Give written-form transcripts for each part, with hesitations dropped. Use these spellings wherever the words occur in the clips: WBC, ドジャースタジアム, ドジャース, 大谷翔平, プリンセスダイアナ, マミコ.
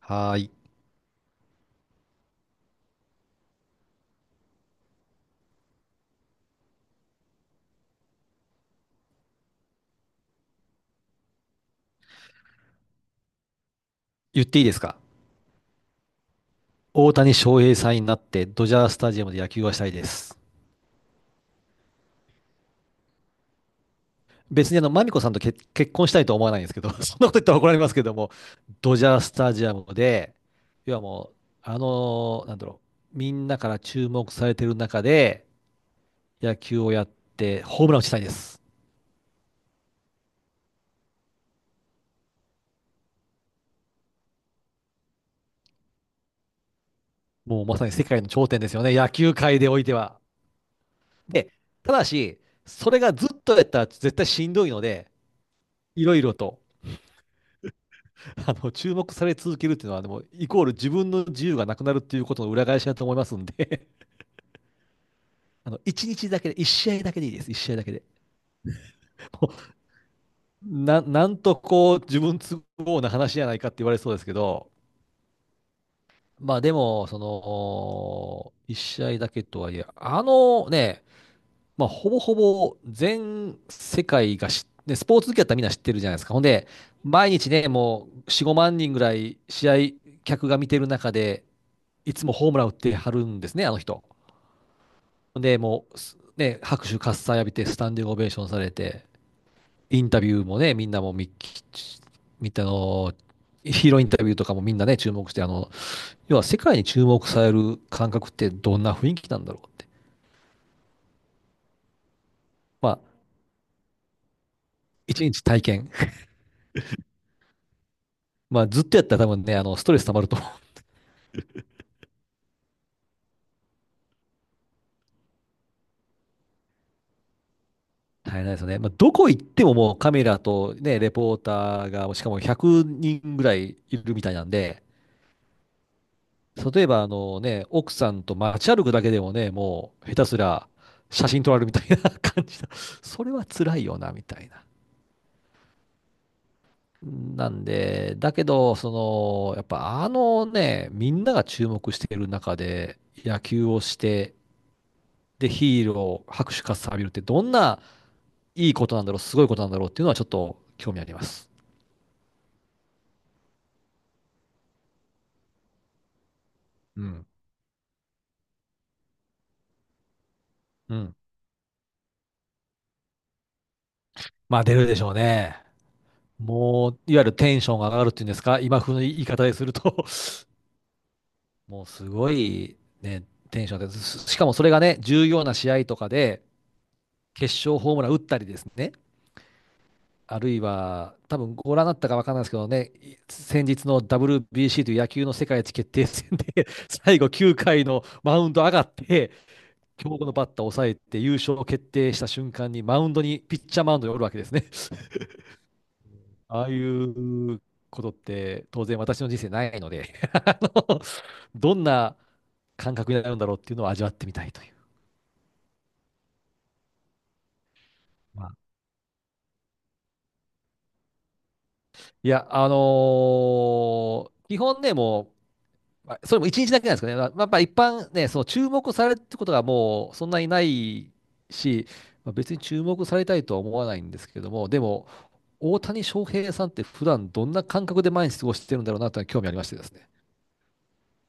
はーい。言っていいですか？大谷翔平さんになってドジャースタジアムで野球がしたいです。別にマミコさんと結婚したいとは思わないんですけど、そんなこと言ったら怒られますけども、ドジャースタジアムで、要はもう、あのーなんだろみんなから注目されてる中で野球をやってホームランを打ちたいです。もうまさに世界の頂点ですよね、野球界でおいては。で、ただし、それがずっとやったら絶対しんどいので、いろいろと。注目され続けるっていうのは、でも、イコール自分の自由がなくなるっていうことの裏返しだと思いますんで、一日だけで、一試合だけでいいです、一試合だけで。もうなんとこう、自分都合な話じゃないかって言われそうですけど、まあでも、その、一試合だけとはいえ、あのね、まあ、ほぼほぼ全世界が知って、スポーツ好きだったらみんな知ってるじゃないですか。ほんで、毎日ね、もう4、5万人ぐらい試合客が見てる中で、いつもホームラン打ってはるんですね、あの人。ほんで、もう、拍手喝采浴びて、スタンディングオベーションされて、インタビューもね、みんなもみ、みたの、ヒーローインタビューとかもみんなね、注目して、要は世界に注目される感覚ってどんな雰囲気なんだろうって。まあ、一日体験。まあ、ずっとやったら多分ね、ストレス溜まると 大変なんですよね。まあ、どこ行ってももうカメラとね、レポーターが、しかも100人ぐらいいるみたいなんで、例えば奥さんと街歩くだけでもね、もう下手すら写真撮られるみたいな 感じだ。それは辛いよな、みたいな。なんで、だけど、その、やっぱみんなが注目している中で野球をして、で、ヒーロー、拍手喝采浴びるってどんないいことなんだろう、すごいことなんだろうっていうのはちょっと興味あります。うん。うん。まあ出るでしょうね。もう、いわゆるテンションが上がるっていうんですか、今風の言い方ですると もうすごいね、テンションが上です。しかもそれがね、重要な試合とかで、決勝ホームラン打ったりですね、あるいは、多分ご覧になったか分からないですけどね、い先日の WBC という野球の世界一決定戦で 最後9回のマウンド上がって、強豪のバッターを抑えて優勝を決定した瞬間にマウンドに、ピッチャーマウンドにおるわけですね。ああいうことって当然私の人生ないので あのどんな感覚になるんだろうっていうのを味わってみたいという。まあ、いや、基本ね、もう、まあそれも一日だけなんですかね。まあ、やっぱ一般ね、その注目されるってことがもうそんなにないし、まあ別に注目されたいとは思わないんですけども、でも、大谷翔平さんって普段どんな感覚で毎日過ごしてるんだろうなというのは興味ありましてですね。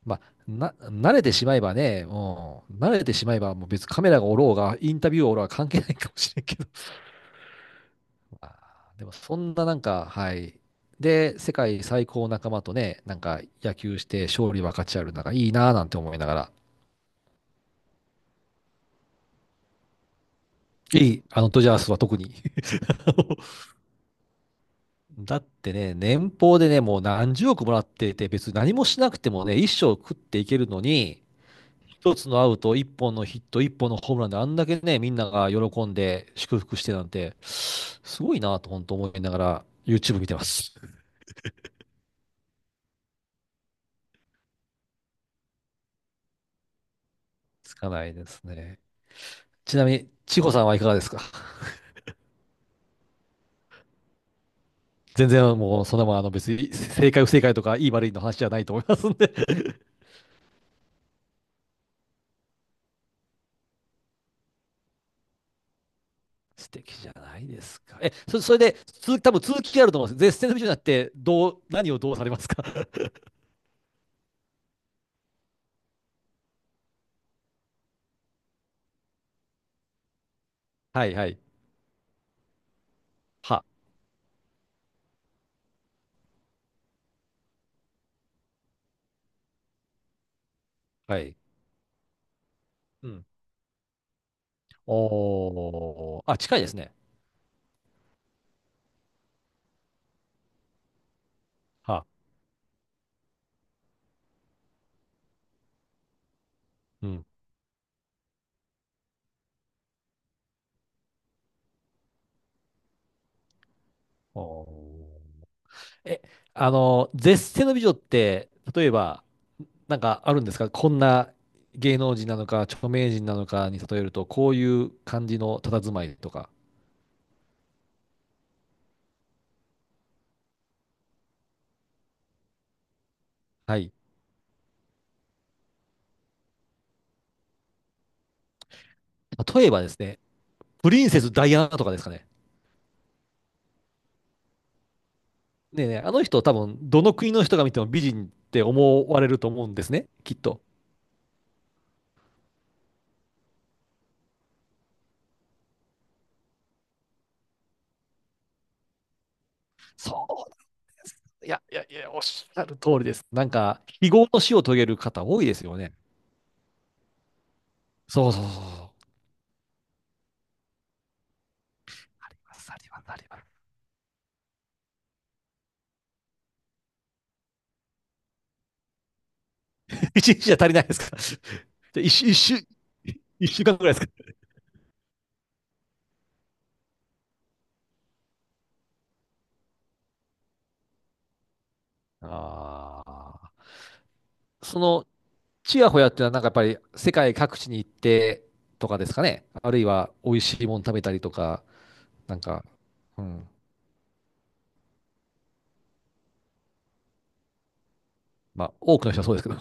まあ、慣れてしまえばね、うん、慣れてしまえばもう別にカメラがおろうが、インタビューがおろうが関係ないかもしれんけど。あーでもそんななんか、はい。で、世界最高仲間とね、なんか野球して勝利分かち合うなんかいいなぁなんて思いながら。いい、あのドジャースは特に。あのだってね、年俸でね、もう何十億もらってて、別に何もしなくてもね、一生食っていけるのに、一つのアウト、一本のヒット、一本のホームランであんだけね、みんなが喜んで祝福してなんて、すごいなと本当思いながら YouTube 見てます。つかないですね。ちなみに、千穂さんはいかがですか？全然もうそんなもん別に正解不正解とかいい悪いの話じゃないと思いますんで 素敵じゃないですか。え、それで、続き、多分続きがあると思うんです。絶世の美女になって、どう、何をどうされますか？ はいはい。は、はい。うん。おー、あ、近いですね。は、うん。おー。え、絶世の美女って、例えば、なんかあるんですか？こんな芸能人なのか、著名人なのかに例えると、こういう感じの佇まいとか。はい。例えばですね、プリンセスダイアナとかですかね。ねえねえ、あの人多分、どの国の人が見ても美人って思われると思うんですね、きっと。そうです。いや、いや、いや、おっしゃる通りです。なんか、非業の死を遂げる方多いですよね。そうそうそうそう。わかりますわかります 一日じゃ足りないですか？じゃ 一週、一週、一週間くらいですか？ああ。その、ちやほやっていうのはなんかやっぱり世界各地に行ってとかですかね。あるいは美味しいもの食べたりとか、なんか、うん。まあ、多くの人はそうですけど。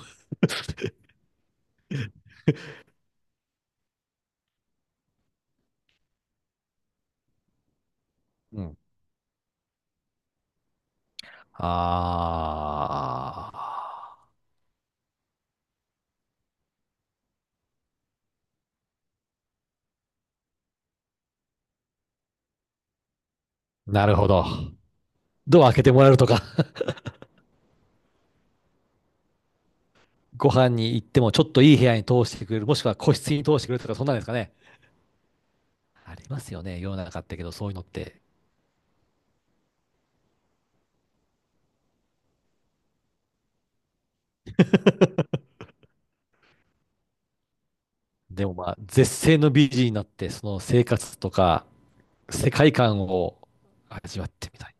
うん。ああ。なるほど。ドア開けてもらえるとか。ご飯に行ってもちょっといい部屋に通してくれる、もしくは個室に通してくれるとか、そんなんですかね。ありますよね、世の中ってけど、そういうのって。でもまあ、絶世の美人になって、その生活とか、世界観を味わってみたい。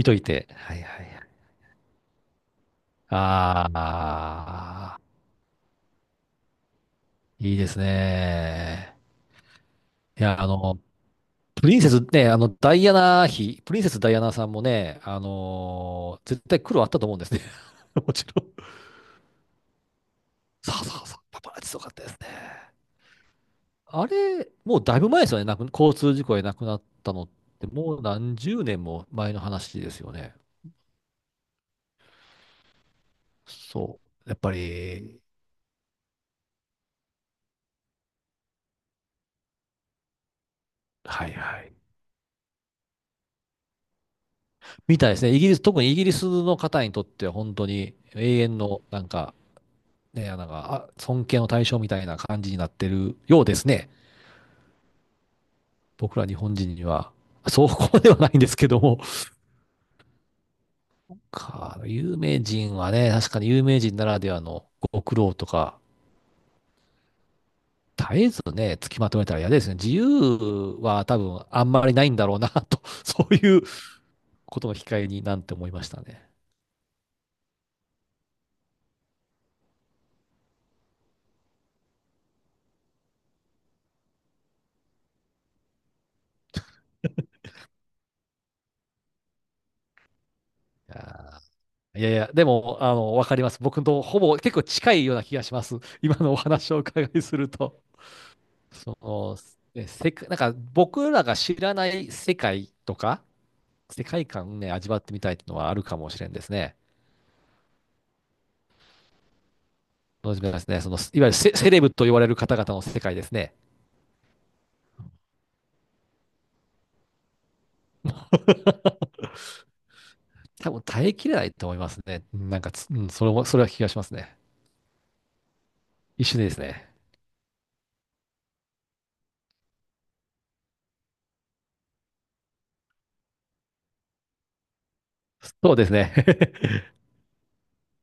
置いといて。はいはいはい。ああ、いいですね。いや、プリンセスね、ダイアナ妃、プリンセスダイアナさんもね、絶対苦労あったと思うんですね。もちろん。そうそうそう、パパラッチすごかったですね。あれ、もうだいぶ前ですよね。交通事故で亡くなったのって、もう何十年も前の話ですよね。そう。やっぱり、はいはい。みたいですね。イギリス、特にイギリスの方にとっては本当に永遠の、なんか、ね、なんか、あ、尊敬の対象みたいな感じになってるようですね。僕ら日本人には。そうこまではないんですけども。有名人はね、確かに有名人ならではのご苦労とか、絶えずね、つきまとめたら嫌ですね。自由は多分あんまりないんだろうな、と、そういうことの控えになんて思いましたね。いやー、いやいや、でも、わかります。僕とほぼ結構近いような気がします。今のお話をお伺いすると。その、ねせか、なんか僕らが知らない世界とか、世界観をね、味わってみたいっていうのはあるかもしれんですね。そうですね、その、いわゆるセレブと言われる方々の世界ですね。多分耐えきれないと思いますね。なんかつ、うん、それも、それは気がしますね。一緒ですね。そうですね。